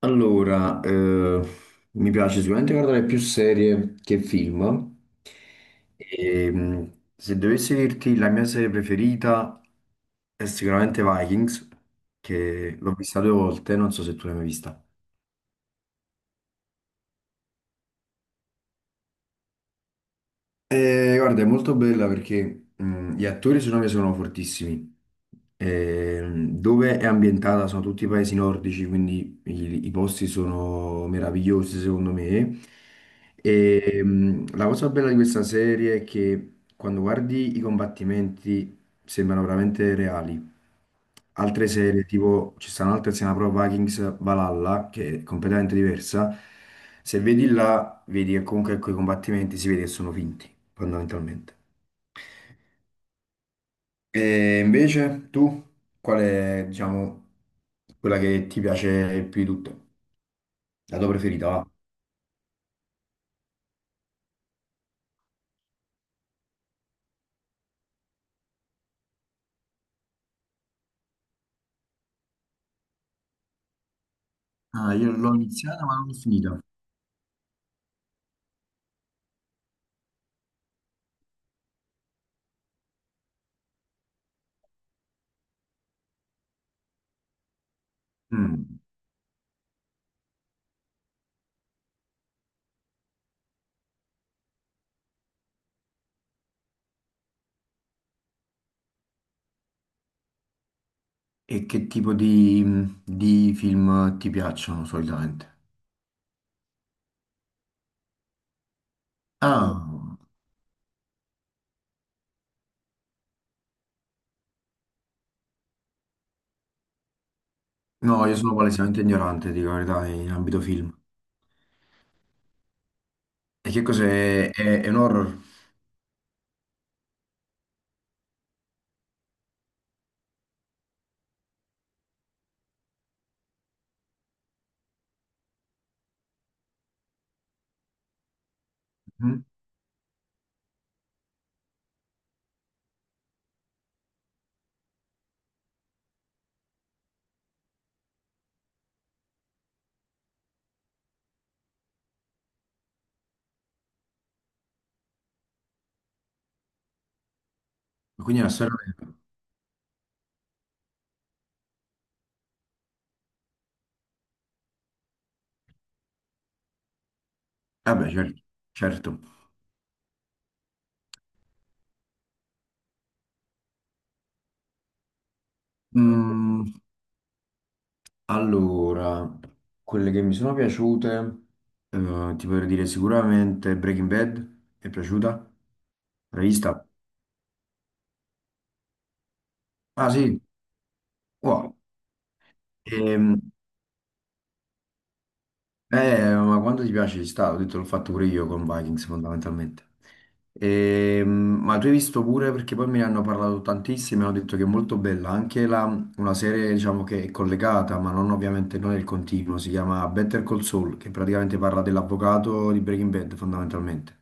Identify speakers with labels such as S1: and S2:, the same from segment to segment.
S1: Allora, mi piace sicuramente guardare più serie che film. E, se dovessi dirti la mia serie preferita è sicuramente Vikings, che l'ho vista due volte, non so se tu l'hai mai vista. Guarda, è molto bella perché gli attori secondo me sono fortissimi. Dove è ambientata sono tutti i paesi nordici, quindi i posti sono meravigliosi secondo me. E, la cosa bella di questa serie è che quando guardi i combattimenti sembrano veramente reali. Altre serie, tipo ci stanno altre, se ne Pro Vikings Valhalla, che è completamente diversa. Se vedi là vedi che comunque quei combattimenti si vede che sono finti, fondamentalmente. E invece tu, qual è, diciamo, quella che ti piace più di tutte? La tua preferita, va? Ah, io l'ho iniziata ma non l'ho finita. Mm. E che tipo di film ti piacciono solitamente? Ah, no, io sono palesemente ignorante, dico la verità, in ambito film. E che cos'è? È un horror? Mm? Quindi è una storia vera? Vabbè, certo, certo. Mm, allora, quelle che mi sono piaciute, ti potrei dire sicuramente Breaking Bad, è piaciuta? L'hai vista? Ah sì, wow. Ehm, ma quando ti piace ci sta, ho detto l'ho fatto pure io con Vikings fondamentalmente. Ehm, ma tu hai visto pure, perché poi me ne hanno parlato tantissimi, hanno detto che è molto bella, una serie diciamo che è collegata, ma non ovviamente non è il continuo, si chiama Better Call Saul, che praticamente parla dell'avvocato di Breaking Bad fondamentalmente.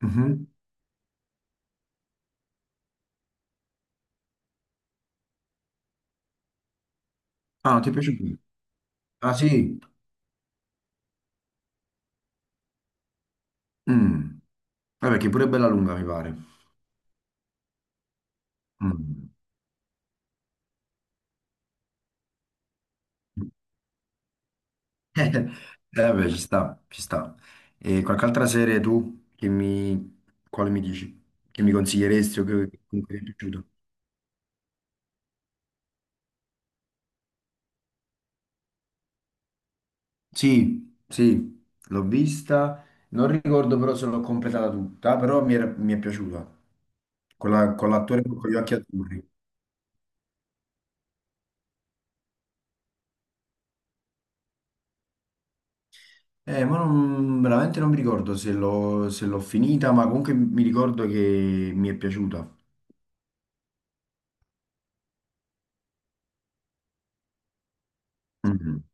S1: Mhm. Ah, non ti è piaciuto? Ah, sì? Mm. Vabbè, che pure è bella lunga, mi pare. Mm. Vabbè, ci sta, ci sta. E qualche altra serie tu quale mi dici? Che mi consiglieresti o che comunque ti è piaciuto? Sì, sì, l'ho vista. Non ricordo però se l'ho completata tutta, però mi è piaciuta. Con l'attore con gli occhi azzurri. Ma veramente non mi ricordo se l'ho finita, ma comunque mi ricordo che mi è piaciuta. Mhm.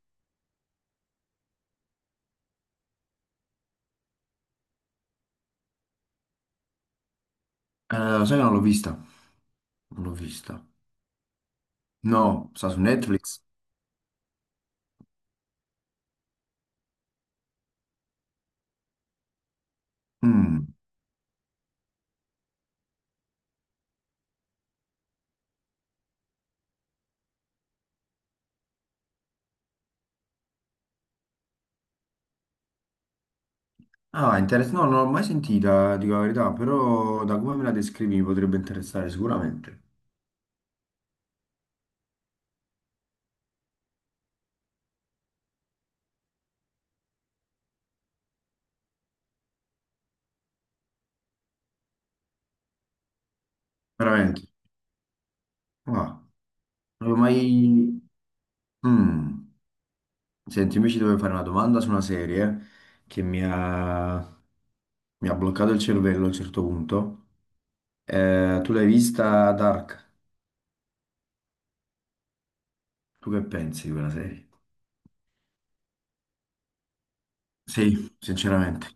S1: Lo sai, che non l'ho vista. Non l'ho vista. No, sta su Netflix. Mm. Ah, interessante. No, non l'ho mai sentita, dico la verità, però da come me la descrivi mi potrebbe interessare sicuramente. Veramente. Ah, non l'ho mai. Mm. Senti, invece dovevo fare una domanda su una serie che mi ha bloccato il cervello a un certo punto. Tu l'hai vista Dark? Tu che pensi di quella serie? Sì, sinceramente.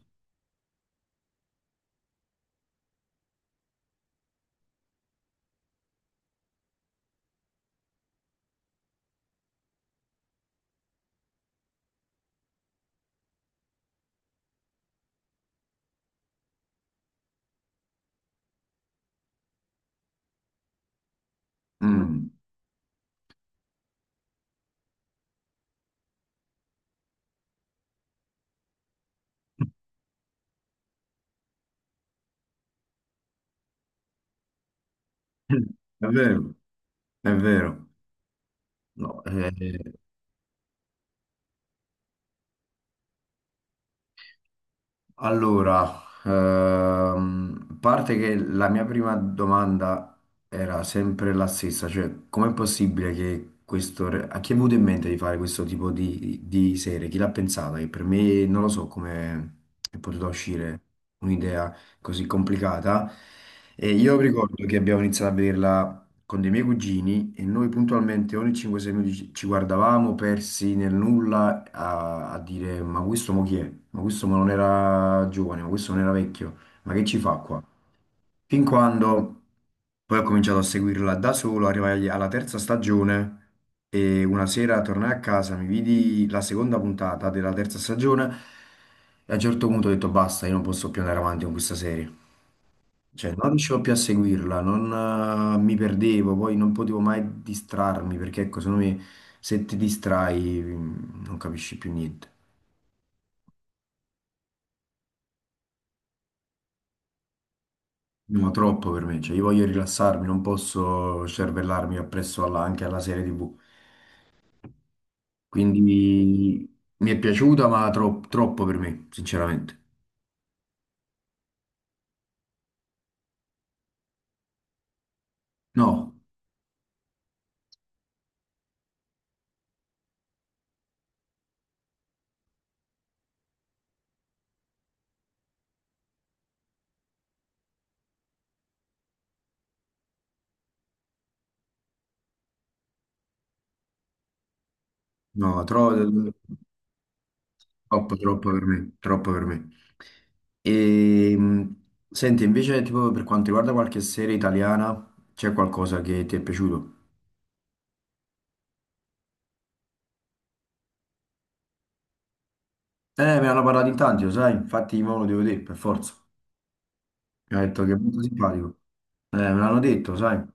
S1: Mm. È vero, è vero. No, allora, a parte che la mia prima domanda era sempre la stessa, cioè com'è possibile a chi è venuto in mente di fare questo tipo di, serie? Chi l'ha pensata? Che per me non lo so come è potuta uscire un'idea così complicata. E io ricordo che abbiamo iniziato a vederla con dei miei cugini e noi puntualmente ogni 5-6 minuti ci guardavamo persi nel nulla a dire ma questo mo chi è? Ma questo mo non era giovane, ma questo non era vecchio, ma che ci fa qua? Fin quando poi ho cominciato a seguirla da solo, arrivai alla terza stagione e una sera tornai a casa, mi vidi la seconda puntata della terza stagione e a un certo punto ho detto basta, io non posso più andare avanti con questa serie. Cioè, non riuscivo più a seguirla, non, mi perdevo, poi non potevo mai distrarmi perché, ecco, secondo me se ti distrai non capisci più niente. No, troppo per me, cioè io voglio rilassarmi, non posso cervellarmi appresso anche alla serie TV. Quindi mi è piaciuta, ma troppo per me, sinceramente. No, no, troppo. Troppo, troppo per me, troppo per me. E, senti, invece, tipo, per quanto riguarda qualche serie italiana, c'è qualcosa che ti è piaciuto? Me ne hanno parlato in tanti, lo sai, infatti mo lo devo vedere, per forza. Mi ha detto che è molto simpatico. Me l'hanno detto, sai, me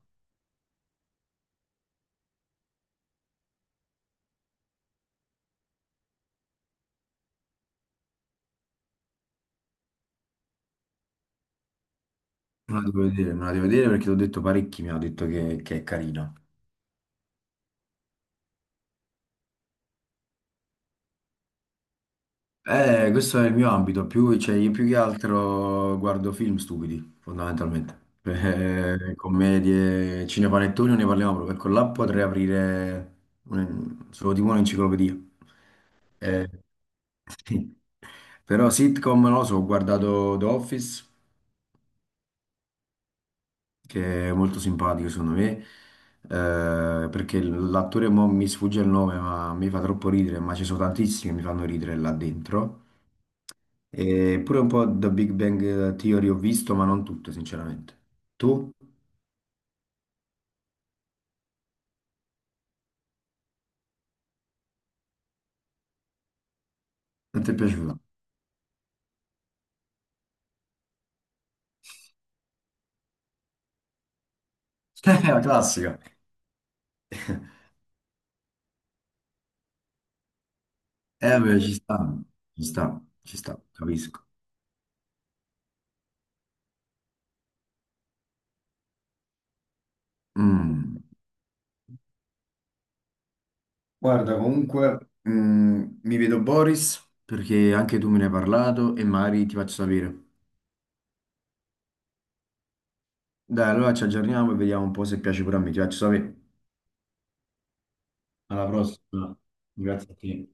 S1: la devo vedere, me la devo vedere perché ti ho detto parecchi, mi hanno detto che è carina. Questo è il mio ambito, più, cioè, io più che altro guardo film stupidi, fondamentalmente. Commedie, cinepanettoni non ne parliamo proprio, perché là potrei aprire solo tipo un'enciclopedia. Eh, sì. Però sitcom, non lo so, ho guardato The Office, che è molto simpatico secondo me, perché l'attore mo mi sfugge il nome, ma mi fa troppo ridere, ma ci sono tantissimi che mi fanno ridere là dentro. E pure un po' da Big Bang Theory ho visto, ma non tutto, sinceramente. Tu? Non ti è piaciuto? La classica. Beh, ci sta, ci sta, ci sta, capisco. Mm. Guarda, comunque, mi vedo Boris, perché anche tu me ne hai parlato e magari ti faccio sapere. Dai, allora ci aggiorniamo e vediamo un po' se piace pure a me. Ti faccio sapere. Alla prossima. Grazie a te.